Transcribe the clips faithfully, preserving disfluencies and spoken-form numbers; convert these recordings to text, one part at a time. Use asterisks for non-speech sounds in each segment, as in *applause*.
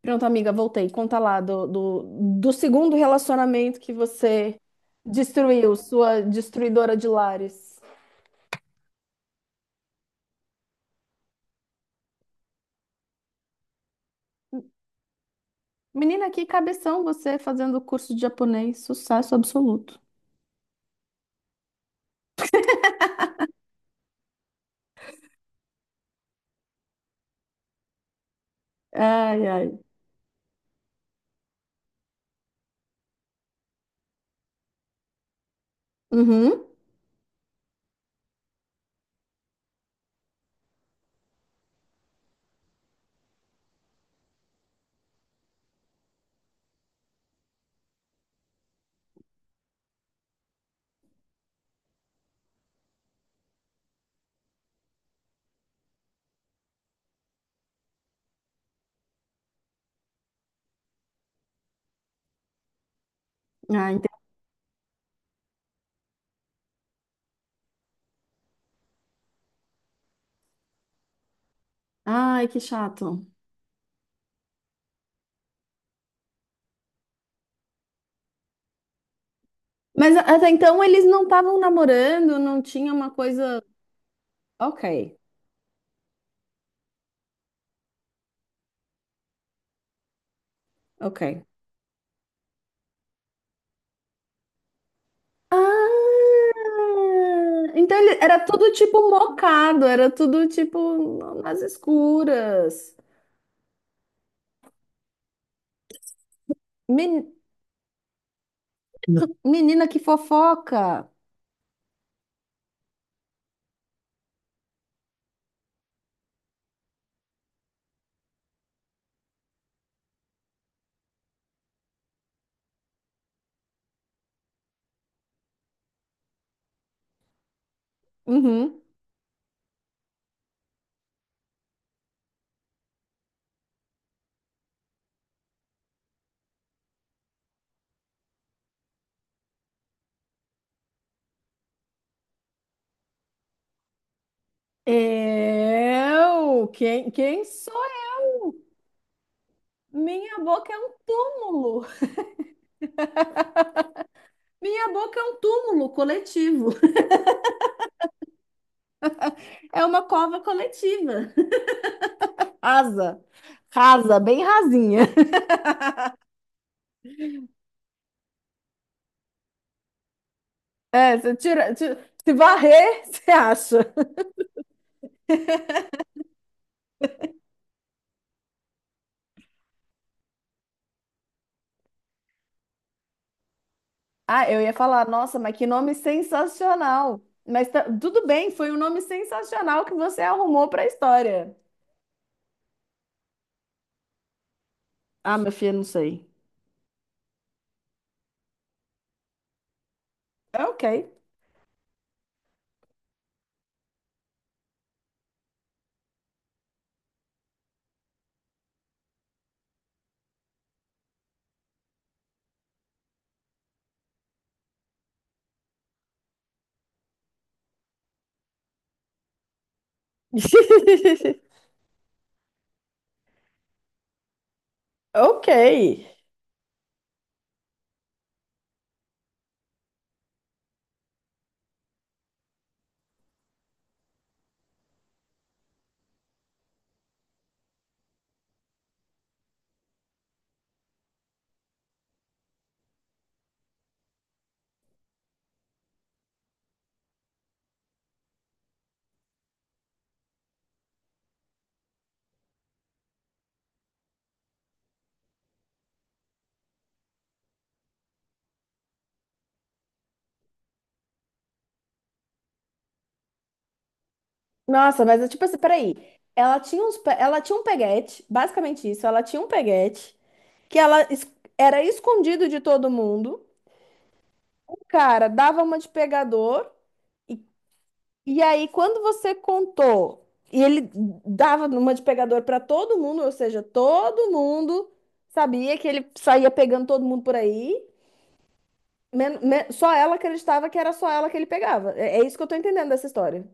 Pronto, amiga, voltei. Conta lá do, do, do segundo relacionamento que você destruiu, sua destruidora de lares. Menina, que cabeção você fazendo curso de japonês. Sucesso absoluto. Ai, ai. Uhum. Ah, ente- Ai, que chato. Mas até então eles não estavam namorando, não tinha uma coisa. Ok, ok. Ah, então ele era tudo tipo mocado, era tudo tipo nas escuras. Menina, que fofoca. Uhum. Eu? Quem, quem sou eu? Minha boca é um túmulo. Minha boca é um túmulo coletivo. É uma cova coletiva. Rasa. Rasa, bem rasinha. É, você tira, tira- se varrer, *laughs* você acha. Ah, eu ia falar, nossa, mas que nome sensacional. Mas tá- tudo bem, foi um nome sensacional que você arrumou para a história. Ah, meu filho, não sei. É ok. *laughs* Ok. Nossa, mas é tipo assim, peraí. Ela tinha uns, pe- ela tinha um peguete, basicamente isso. Ela tinha um peguete que ela es- era escondido de todo mundo. O cara dava uma de pegador e aí quando você contou e ele dava uma de pegador pra todo mundo, ou seja, todo mundo sabia que ele saía pegando todo mundo por aí. men- men- só ela acreditava que era só ela que ele pegava. É, é isso que eu tô entendendo dessa história.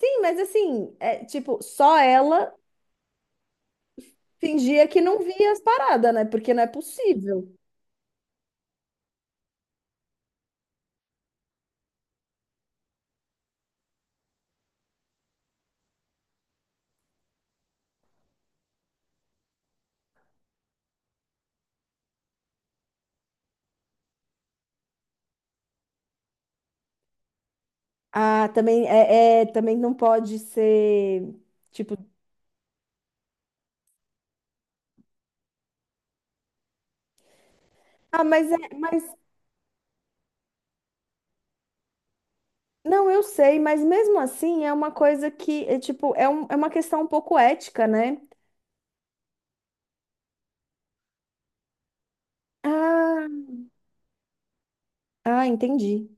Sim, mas assim, é tipo, só ela fingia que não via as paradas, né? Porque não é possível. Ah, também é, é- também não pode ser tipo, ah, mas é, mas não, eu sei, mas mesmo assim é uma coisa que é tipo, é, um, é uma questão um pouco ética, né? Ah, ah, entendi.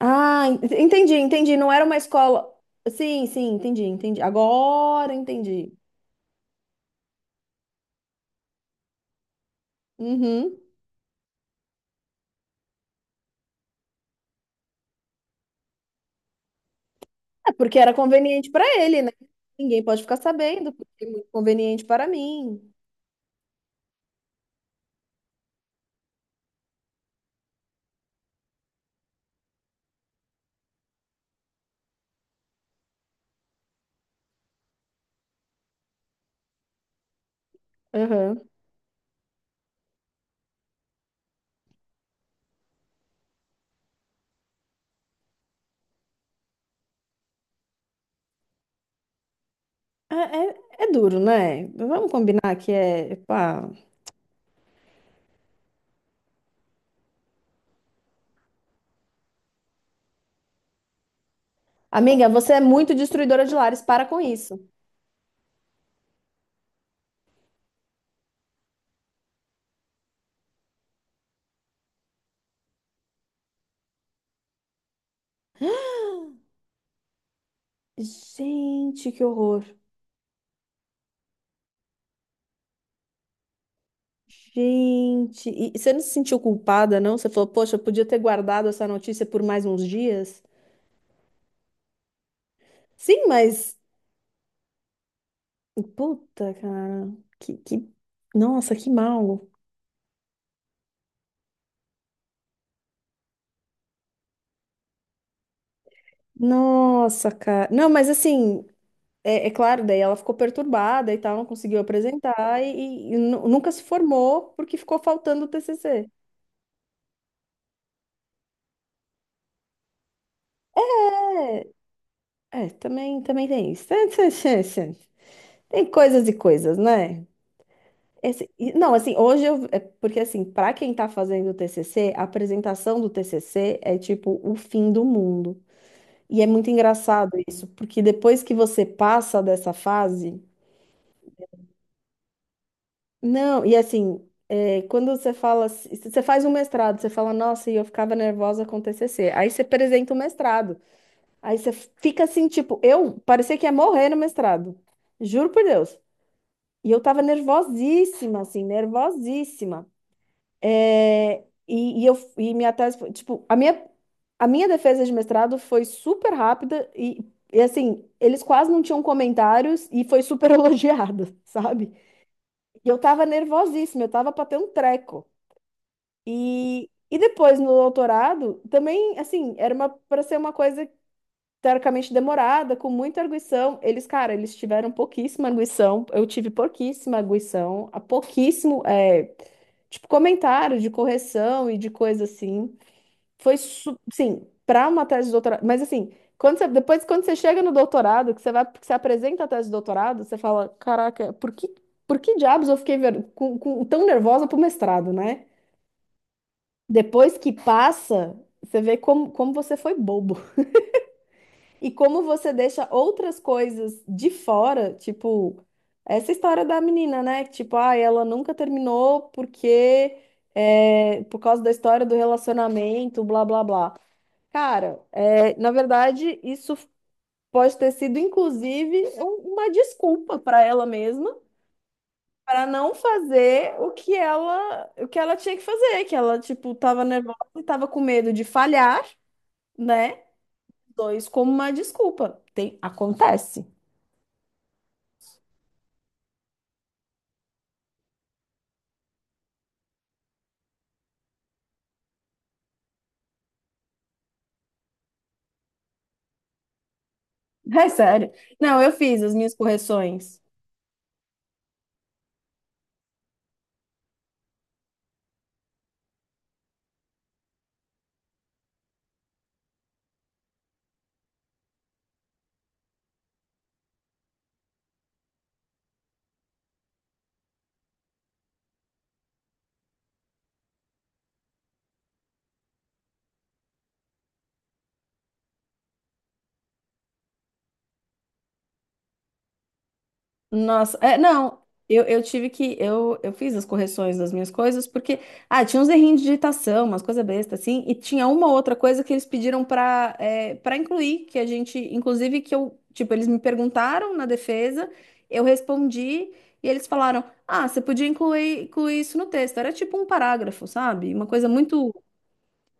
Ah, en- entendi, entendi. Não era uma escola. Sim, sim, entendi, entendi. Agora entendi. Uhum. É porque era conveniente para ele, né? Ninguém pode ficar sabendo, porque é muito conveniente para mim. Uhum. É, é- é duro, né? Vamos combinar que é, pá. Amiga, você é muito destruidora de lares, para com isso. Gente, que horror. Gente. E você não se sentiu culpada, não? Você falou, poxa, eu podia ter guardado essa notícia por mais uns dias? Sim, mas. Puta, cara. Que, que... Nossa, que mal. Nossa, cara. Não, mas assim. É, é claro, daí ela ficou perturbada e tal, não conseguiu apresentar e, e nu- nunca se formou porque ficou faltando o T C C. É, é, também, também tem isso. *laughs* Tem coisas e coisas, né? Esse- e- não, assim, hoje eu é porque, assim, para quem tá fazendo o T C C, a apresentação do T C C é tipo o fim do mundo. E é muito engraçado isso, porque depois que você passa dessa fase. Não, e assim, é, quando você fala. assim- se Você faz um mestrado, você fala, nossa, e eu ficava nervosa com o T C C. Aí você apresenta o mestrado. Aí você fica assim, tipo, eu parecia que ia morrer no mestrado. Juro por Deus. E eu tava nervosíssima, assim, nervosíssima. É, e, e eu e minha tese foi, tipo, a minha, a minha defesa de mestrado foi super rápida e, e, assim, eles quase não tinham comentários e foi super *laughs* elogiada, sabe? E eu tava nervosíssima, eu tava pra ter um treco. E, e depois no doutorado, também, assim, era uma para ser uma coisa teoricamente demorada, com muita arguição. Eles, cara, eles tiveram pouquíssima arguição. Eu tive pouquíssima arguição, a pouquíssimo, é, tipo, comentário de correção e de coisa assim. Foi, su- sim, para uma tese de doutorado. Mas assim, quando você- depois, quando você chega no doutorado, que você vai, que você apresenta a tese de doutorado, você fala, caraca, por que, por que diabos eu fiquei ver- com- com- tão nervosa pro mestrado, né? Depois que passa, você vê como, como você foi bobo. E como você deixa outras coisas de fora, tipo, essa história da menina, né? Tipo, ah, ela nunca terminou porque é, por causa da história do relacionamento, blá blá blá. Cara, é, na verdade, isso pode ter sido, inclusive, um- uma desculpa para ela mesma para não fazer o que ela, o que ela, tinha que fazer, que ela, tipo, tava nervosa e tava com medo de falhar, né? Dois como uma desculpa. Tem, acontece. *laughs* É sério. Não, eu fiz as minhas correções. Nossa, é, não, eu, eu tive que. Eu, eu fiz as correções das minhas coisas, porque. Ah, tinha uns errinhos de digitação, umas coisas bestas, assim, e tinha uma outra coisa que eles pediram para é, para incluir, que a gente. Inclusive, que eu. Tipo, eles me perguntaram na defesa, eu respondi, e eles falaram: Ah, você podia incluir, incluir isso no texto. Era tipo um parágrafo, sabe? Uma coisa muito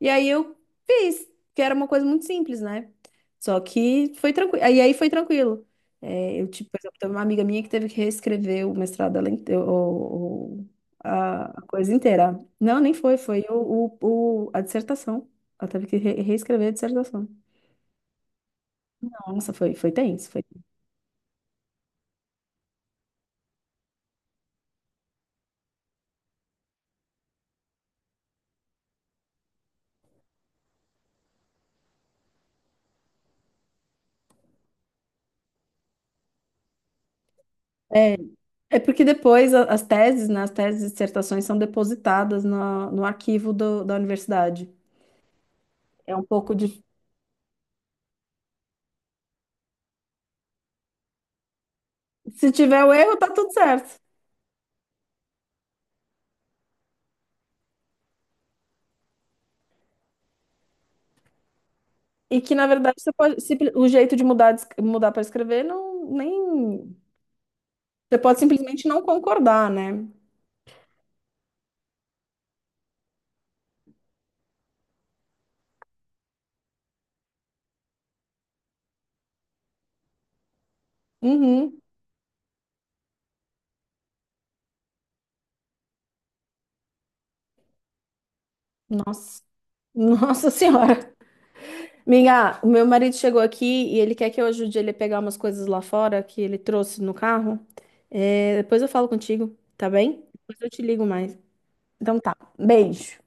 E aí eu fiz, que era uma coisa muito simples, né? Só que foi tranquilo. E aí foi tranquilo. É, eu, tipo, por exemplo, teve uma amiga minha que teve que reescrever o mestrado, dela inte- o- o- a a coisa inteira. Não, nem foi, foi o, o- o- a dissertação. Ela teve que re- reescrever a dissertação. Nossa, foi, foi tenso. Foi... É porque depois a- as teses, né, as teses e dissertações são depositadas na- no arquivo do- da universidade. É um pouco de. Se tiver o erro, tá tudo certo. E que, na verdade, você pode, simpli- o jeito de mudar, de es- mudar para escrever não nem. Você pode simplesmente não concordar, né? Uhum. Nossa. Nossa *laughs* Senhora. Minha, o meu marido chegou aqui e ele quer que eu ajude ele a pegar umas coisas lá fora que ele trouxe no carro. É, depois eu falo contigo, tá bem? Depois eu te ligo mais. Então tá. Beijo.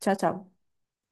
Tchau, tchau.